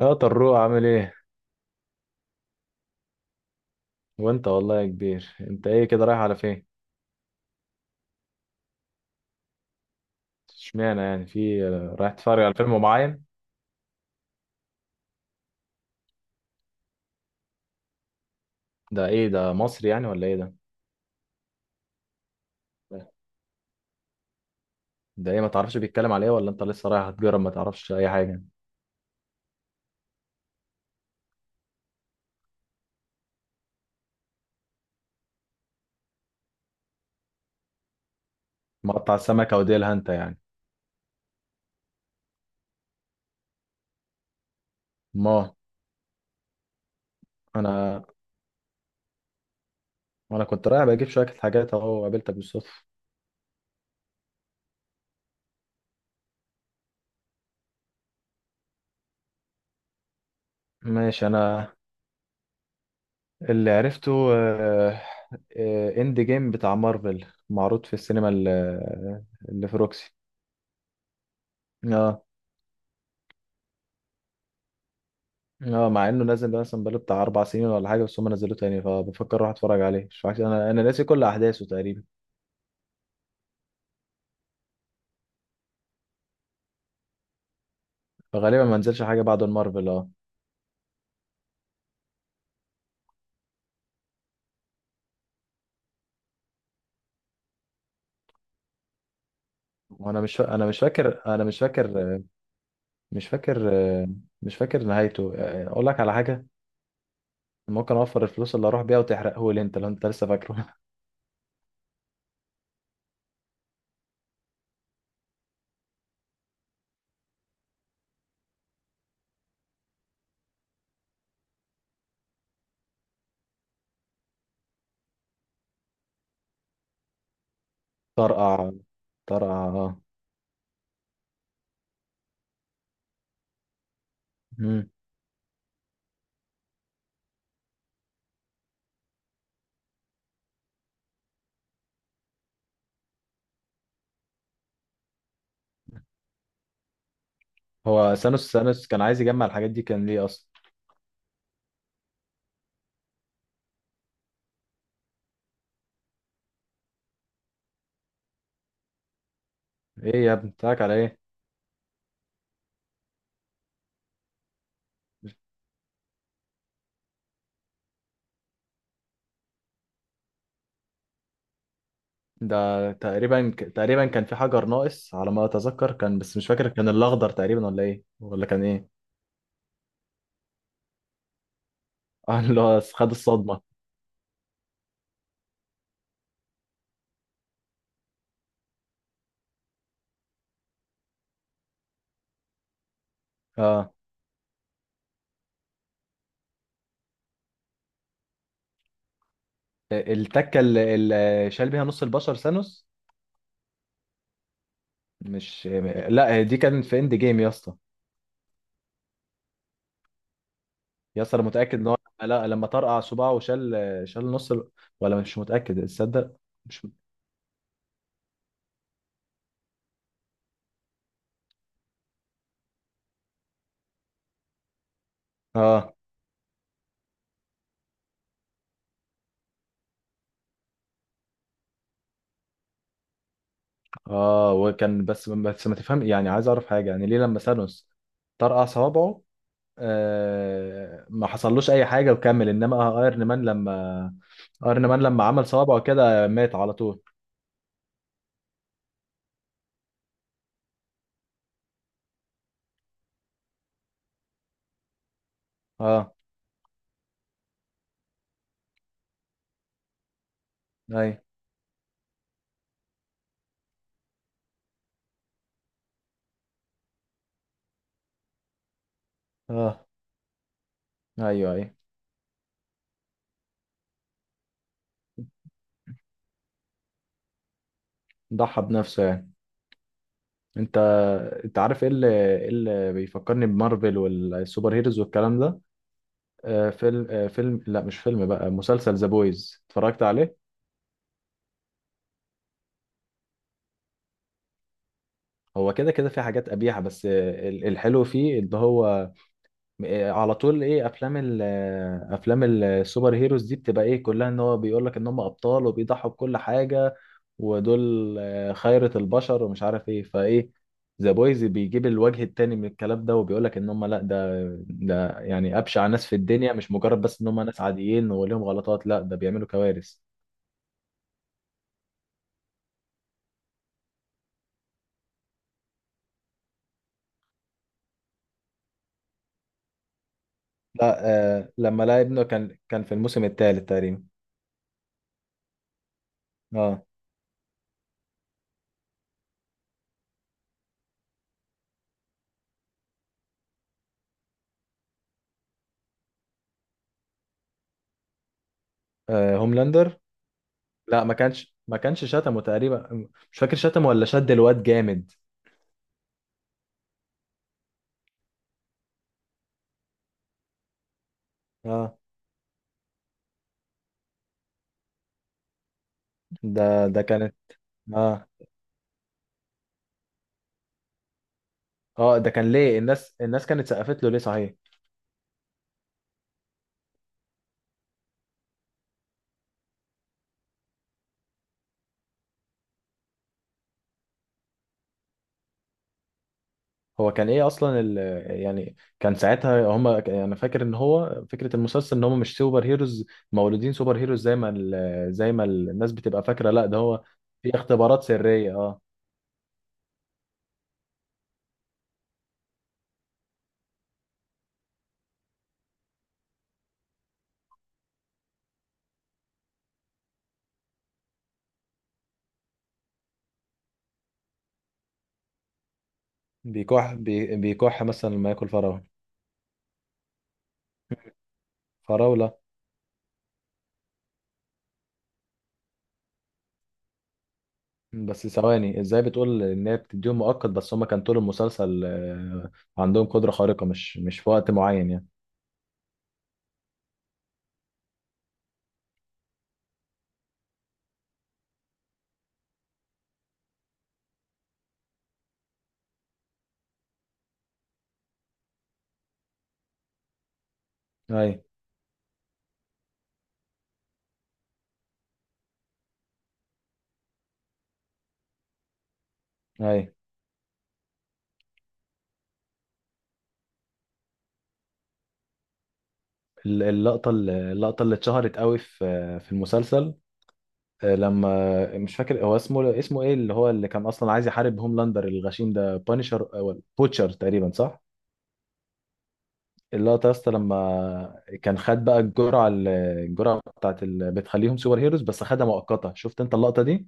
يا طروق، عامل ايه؟ وانت والله يا كبير، انت ايه كده، رايح على فين؟ اشمعنى يعني؟ في، رايح تتفرج على فيلم معين؟ ده ايه ده، مصري يعني ولا ايه ده؟ ده ايه؟ ما تعرفش بيتكلم على ايه، ولا انت لسه رايح هتجرب، ما تعرفش اي حاجه؟ مقطع السمكه وديلها انت يعني. ما انا انا كنت رايح بجيب شويه حاجات، اهو قابلتك بالصدفه. ماشي. انا اللي عرفته، آه، اند جيم بتاع مارفل، معروض في السينما اللي في روكسي. اه. اه، مع انه نازل ده مثلا بقاله بتاع 4 سنين ولا حاجه، بس هم نزلوه تاني، فبفكر اروح اتفرج عليه. مش فاكر، انا ناسي كل احداثه تقريبا. فغالبا ما نزلش حاجه بعد المارفل، اه. وانا مش فا... انا مش فاكر، مش فاكر مش فاكر نهايته. اقول لك على حاجه: ممكن اوفر الفلوس اللي اروح بيها وتحرقه لي انت، لو انت لسه فاكره؟ طرقع، طرقع، اه. مم. هو سانوس، كان عايز يجمع الحاجات دي كان ليه اصلا؟ ايه يا ابني، بتاعك على ايه؟ ده تقريبا، تقريبا كان في حجر ناقص على ما اتذكر، كان بس مش فاكر كان الاخضر تقريبا ولا ايه، ولا كان ايه. اه، اللي هو خد الصدمه. اه، التكه اللي شال بيها نص البشر ثانوس، مش؟ لا، دي كان في اند جيم يا اسطى. يا اسطى، انا متاكد ان هو، لا، لما طرقع صباعه وشال، نص ولا مش متاكد، تصدق؟ مش. اه. اه، وكان، بس ما تفهم يعني، عايز اعرف حاجه يعني: ليه لما ثانوس طرقع صوابعه، آه، ما حصلوش اي حاجه وكمل، انما ايرن مان لما عمل صوابعه كده مات على طول؟ اه. اي. اه، ايوه، اي. ضحى بنفسه يعني. انت انت عارف ايه اللي، إيه اللي بيفكرني بمارفل والسوبر هيروز والكلام ده؟ فيلم، فيلم، لا، مش فيلم بقى، مسلسل ذا بويز، اتفرجت عليه. هو كده كده في حاجات قبيحه، بس الحلو فيه ان هو، إيه، على طول ايه افلام ال، افلام السوبر هيروز دي بتبقى ايه كلها؟ ان هو بيقول لك ان هم ابطال وبيضحوا بكل حاجه، ودول خيرة البشر ومش عارف ايه، فايه ذا بويز بيجيب الوجه التاني من الكلام ده، وبيقول لك ان هم لا، ده يعني ابشع ناس في الدنيا، مش مجرد بس ان هم ناس عاديين وليهم غلطات، لا ده بيعملوا كوارث. لا، آه، لما لقى ابنه كان في الموسم الثالث تقريبا. اه. آه، هوملاندر. لا، ما كانش شتمه تقريبا، مش فاكر شتمه ولا شد الواد جامد. اه، ده كانت. اه، اه، ده كان ليه الناس كانت سقفت له ليه صحيح؟ هو كان ايه اصلا؟ يعني كان ساعتها هم، انا فاكر ان هو فكره المسلسل ان هم مش سوبر هيروز مولودين سوبر هيروز، زي ما الناس بتبقى فاكره، لا ده هو في اختبارات سريه، اه. بيكح مثلا لما ياكل فراوله. فراوله. بس ثواني، ازاي بتقول ان هي بتديهم مؤقت، بس هم كان طول المسلسل، عندهم قدره خارقه، مش في وقت معين يعني؟ اي. اي. اللقطة، اللقطة اللي اتشهرت قوي في المسلسل، لما مش فاكر هو اسمه، ايه اللي هو، كان اصلا عايز يحارب هوملاندر الغشيم ده؟ بانشر او بوتشر تقريبا، صح؟ اللقطة يا اسطى، لما كان خد بقى الجرعة، الجرعة بتاعت اللي بتخليهم سوبر هيروز، بس خدها مؤقتة، شفت انت اللقطة دي؟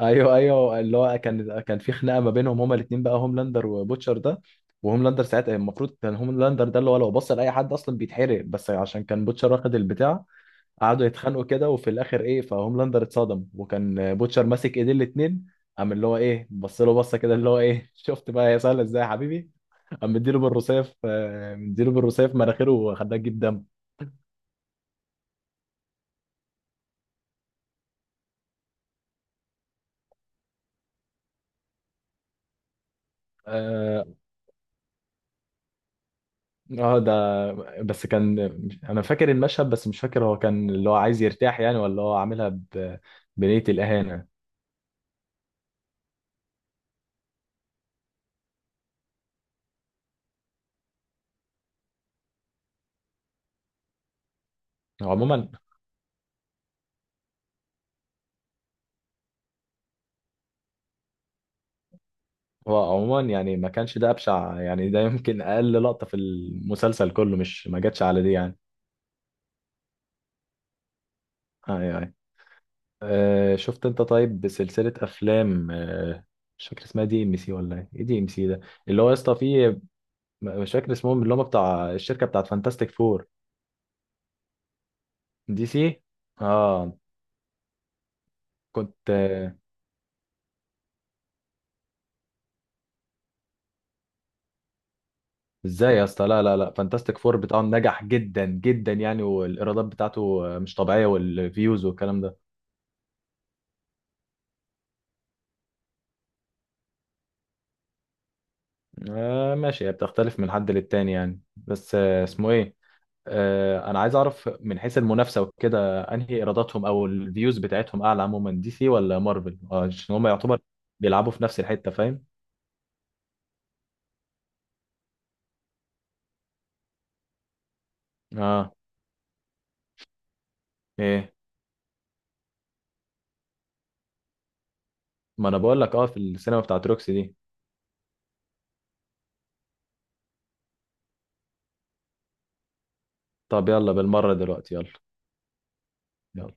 ايوه، ايوه، اللي هو كان في خناقة ما بينهم هما الاتنين بقى، هوملاندر وبوتشر ده. وهوملاندر ساعتها المفروض كان، هوملاندر ده اللي هو لو بص لأي حد اصلا بيتحرق، بس عشان كان بوتشر واخد البتاع، قعدوا يتخانقوا كده وفي الاخر ايه، فهوملاندر اتصدم وكان بوتشر ماسك ايدين الاتنين، قام اللي هو، ايه، بص له بصه كده اللي هو، ايه! شفت بقى هي سهله ازاي يا حبيبي؟ قام مديله بالرصاف، مناخيره، وخلاه تجيب دم. اه. ده، بس كان، انا فاكر المشهد، بس مش فاكر هو كان اللي هو عايز يرتاح يعني، ولا هو عاملها بنية الاهانه. هو عموما، يعني ما كانش ده ابشع، يعني ده يمكن اقل لقطه في المسلسل كله، مش ما جاتش على دي يعني. آه، آه، آه. شفت انت؟ طيب سلسلة افلام، مش فاكر اسمها، DMC ولا ايه؟ ايه DMC ده اللي هو يا اسطى فيه؟ مش فاكر اسمهم اللي هم بتاع الشركة بتاعت فانتاستيك فور. DC. اه. كنت، ازاي يا اسطى؟ لا، لا، لا، فانتاستيك فور بتاعهم نجح جدا جدا يعني، والايرادات بتاعته مش طبيعية، والفيوز والكلام ده. آه، ماشي، هي بتختلف من حد للتاني يعني. بس اسمه ايه؟ انا عايز اعرف من حيث المنافسه وكده، انهي ايراداتهم او الفيوز بتاعتهم اعلى عموما، DC ولا مارفل؟ عشان هم يعتبر بيلعبوا في نفس الحته، فاهم؟ اه. ايه. ما انا بقول لك، اه، في السينما بتاعت روكسي دي. طب يلا بالمره دلوقتي، يلا. يلا.